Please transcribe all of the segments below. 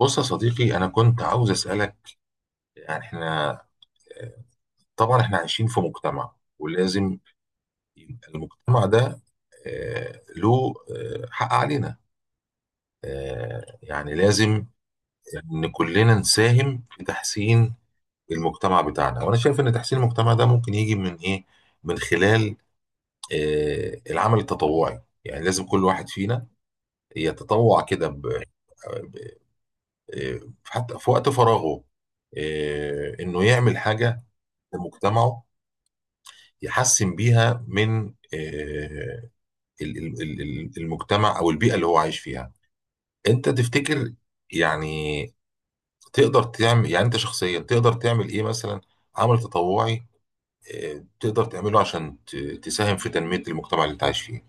بص يا صديقي، أنا كنت عاوز أسألك، يعني إحنا، آه، طبعا إحنا عايشين في مجتمع ولازم يبقى المجتمع ده، له حق علينا. يعني لازم إن كلنا نساهم في تحسين المجتمع بتاعنا. وأنا شايف إن تحسين المجتمع ده ممكن يجي من إيه؟ من خلال العمل التطوعي، يعني لازم كل واحد فينا يتطوع كده، ب- آه، حتى في وقت فراغه، إنه يعمل حاجة لمجتمعه، يحسن بيها من آه، المجتمع او البيئه اللي هو عايش فيها. انت تفتكر، يعني تقدر تعمل، يعني انت شخصيا تقدر تعمل ايه مثلا؟ عمل تطوعي تقدر تعمله عشان تساهم في تنميه المجتمع اللي انت عايش فيه؟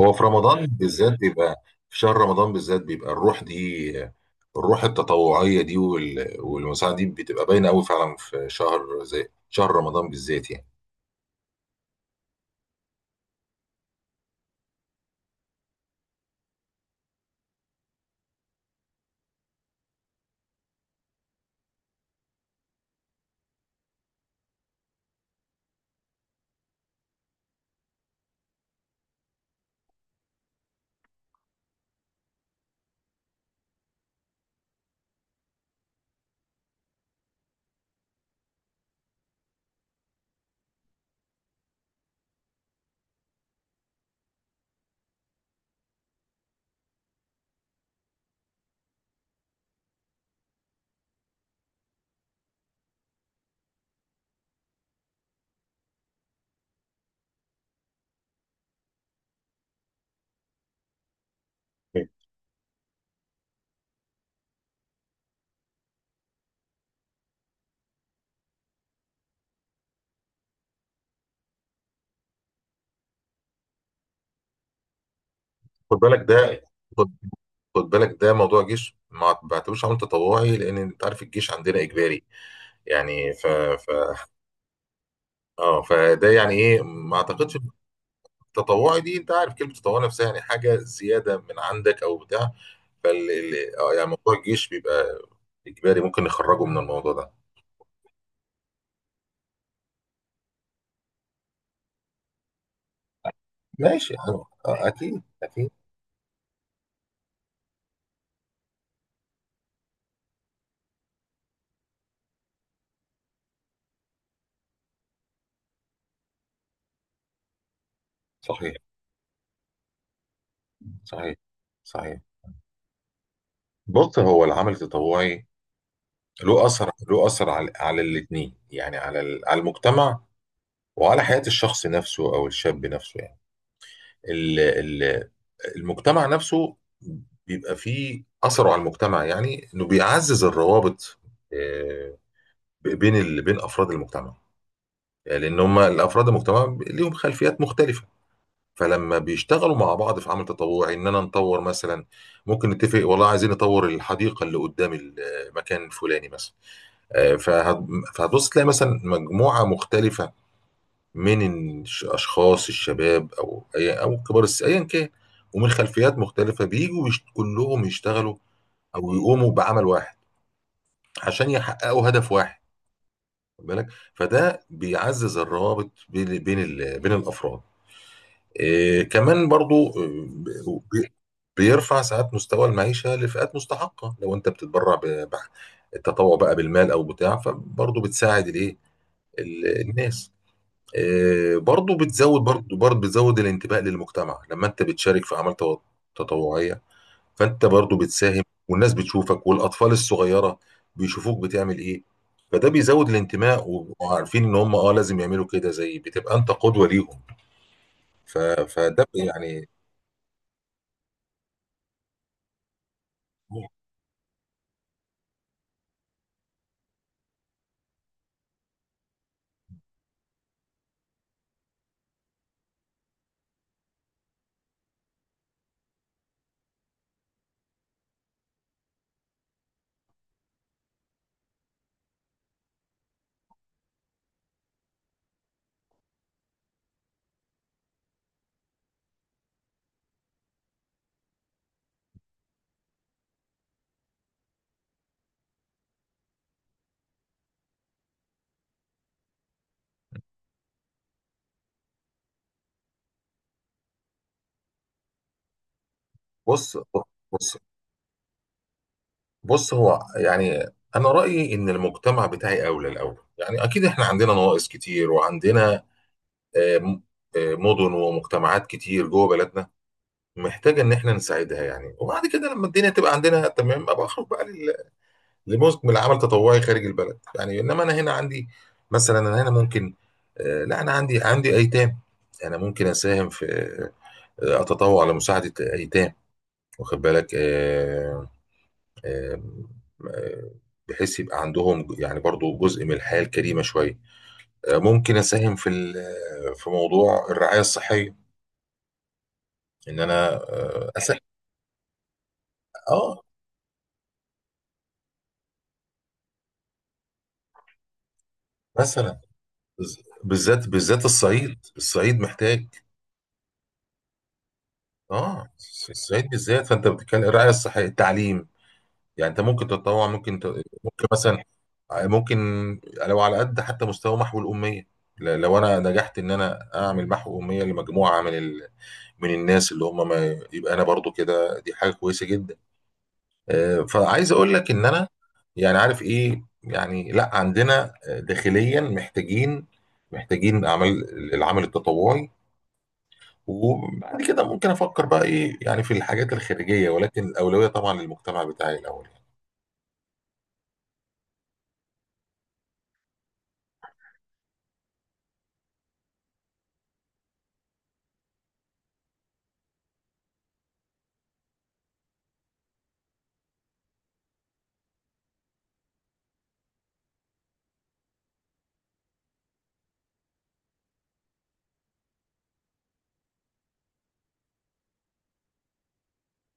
هو في رمضان بالذات بيبقى، في شهر رمضان بالذات بيبقى الروح دي، الروح التطوعيه دي والمساعده دي بتبقى باينه قوي فعلا في شهر زي شهر رمضان بالذات يعني. خد بالك ده خد بالك ده موضوع جيش ما بعتبروش عمل تطوعي، لان انت عارف الجيش عندنا اجباري، يعني ف اه فده يعني ايه، ما اعتقدش إن التطوعي دي، انت عارف كلمه تطوعي نفسها يعني حاجه زياده من عندك او بتاع. فال ال- آه، يعني موضوع الجيش بيبقى اجباري، ممكن نخرجه من الموضوع ده. ماشي، اه، اكيد اكيد. صحيح، صحيح، صحيح. بص، هو العمل التطوعي له اثر على الاثنين، يعني على المجتمع، وعلى حياة الشخص نفسه أو الشاب نفسه، يعني ال- ال- المجتمع نفسه بيبقى فيه أثره على المجتمع، يعني إنه بيعزز الروابط، آه، بين أفراد المجتمع. يعني لأن هم الأفراد المجتمع ليهم خلفيات مختلفة، فلما بيشتغلوا مع بعض في عمل تطوعي إننا نطور مثلا، ممكن نتفق والله عايزين نطور الحديقة اللي قدام المكان الفلاني مثلا. آه، فهت- فهتبص تلاقي مثلا مجموعة مختلفة، من اشخاص الشباب او اي او كبار السن ايا كان، ومن خلفيات مختلفه بيجوا كلهم يشتغلوا او يقوموا بعمل واحد عشان يحققوا هدف واحد، خد بالك. فده بيعزز الروابط بين الافراد. إيه كمان برضو، بي- بيرفع ساعات مستوى المعيشه لفئات مستحقه. لو انت بتتبرع التطوع بقى بالمال او بتاع، فبرضو بتساعد الايه، الناس. برضو بتزود الانتباه للمجتمع، لما انت بتشارك في اعمال تطوعيه، فانت برضو بتساهم، والناس بتشوفك، والاطفال الصغيره بيشوفوك بتعمل ايه، فده بيزود الانتماء، وبيبقوا عارفين ان هم لازم يعملوا كده، زي بتبقى انت قدوه ليهم. فده يعني. بص بص بص هو يعني، انا رايي ان المجتمع بتاعي اولى الاول، يعني اكيد احنا عندنا نواقص كتير، وعندنا آه، م- مدن ومجتمعات كتير جوه بلدنا، محتاجه ان احنا نساعدها يعني. وبعد كده لما الدنيا تبقى عندنا تمام، ابقى اخرج بقى لموسم العمل تطوعي خارج البلد، يعني. انما انا هنا عندي، مثلا انا هنا ممكن لا، انا عندي ايتام. انا ممكن اساهم في آه، اتطوع لمساعده ايتام، واخد بالك، آه، آه، بحيث يبقى عندهم يعني برضو جزء من الحياه الكريمه شويه. ممكن اساهم في موضوع الرعايه الصحيه، ان انا اساهم. اه، مثلا بالذات، بالذات الصعيد، الصعيد محتاج. اه، الصعيد بالذات. فانت بتتكلم الرعايه الصحيه، التعليم، يعني انت ممكن تتطوع، ممكن ممكن مثلا ممكن، لو على قد حتى مستوى محو الاميه، لو انا نجحت ان انا اعمل محو اميه لمجموعه من الناس اللي هم ما، يبقى انا برضو كده، دي حاجه كويسه جدا. فعايز اقول لك ان انا، يعني عارف ايه يعني، لا عندنا داخليا محتاجين اعمال، العمل التطوعي. وبعد كده ممكن افكر بقى ايه يعني في الحاجات الخارجيه، ولكن الاولويه طبعا للمجتمع بتاعي الاول يعني.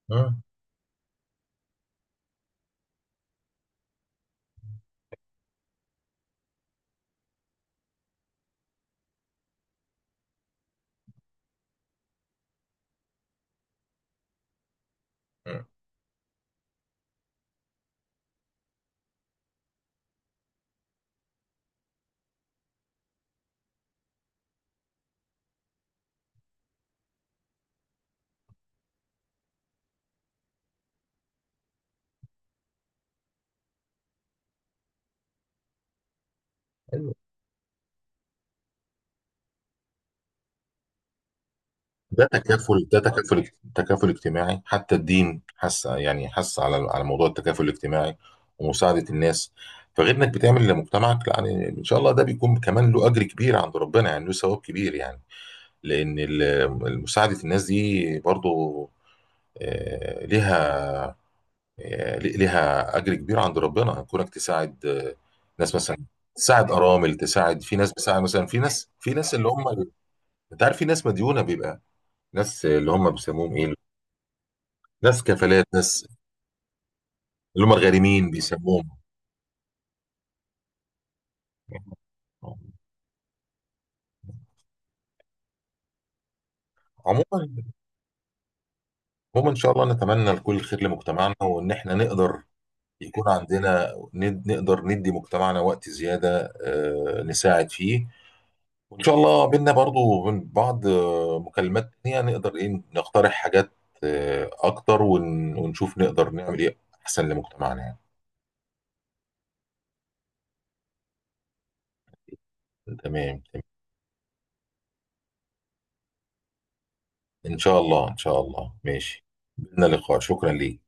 مم. مم. حلو. ده تكافل اجتماعي، حتى الدين حس، يعني حس على موضوع التكافل الاجتماعي ومساعده الناس. فغير انك بتعمل لمجتمعك، لا يعني ان شاء الله ده بيكون كمان له اجر كبير عند ربنا، يعني له ثواب كبير يعني، لان مساعده الناس دي برضو آه، ليها ليها اجر كبير عند ربنا، كونك تساعد ناس مثلا، تساعد ارامل، تساعد في ناس، بتساعد مثلا في ناس اللي هم، انت عارف، في ناس مديونه، بيبقى ناس اللي هم بيسموهم ايه؟ ناس كفالات، ناس اللي هم الغارمين بيسموهم. عموما عموما، ان شاء الله نتمنى لكل خير لمجتمعنا، وان احنا نقدر يكون عندنا، نقدر ندي مجتمعنا وقت زياده، نساعد فيه. وإن شاء الله بينا برضو من بعض مكالمات تانية، نقدر إيه نقترح حاجات أكتر، ونشوف نقدر نعمل إيه أحسن لمجتمعنا يعني. تمام، تمام. إن شاء الله، إن شاء الله، ماشي. بينا لقاء، شكرا ليك.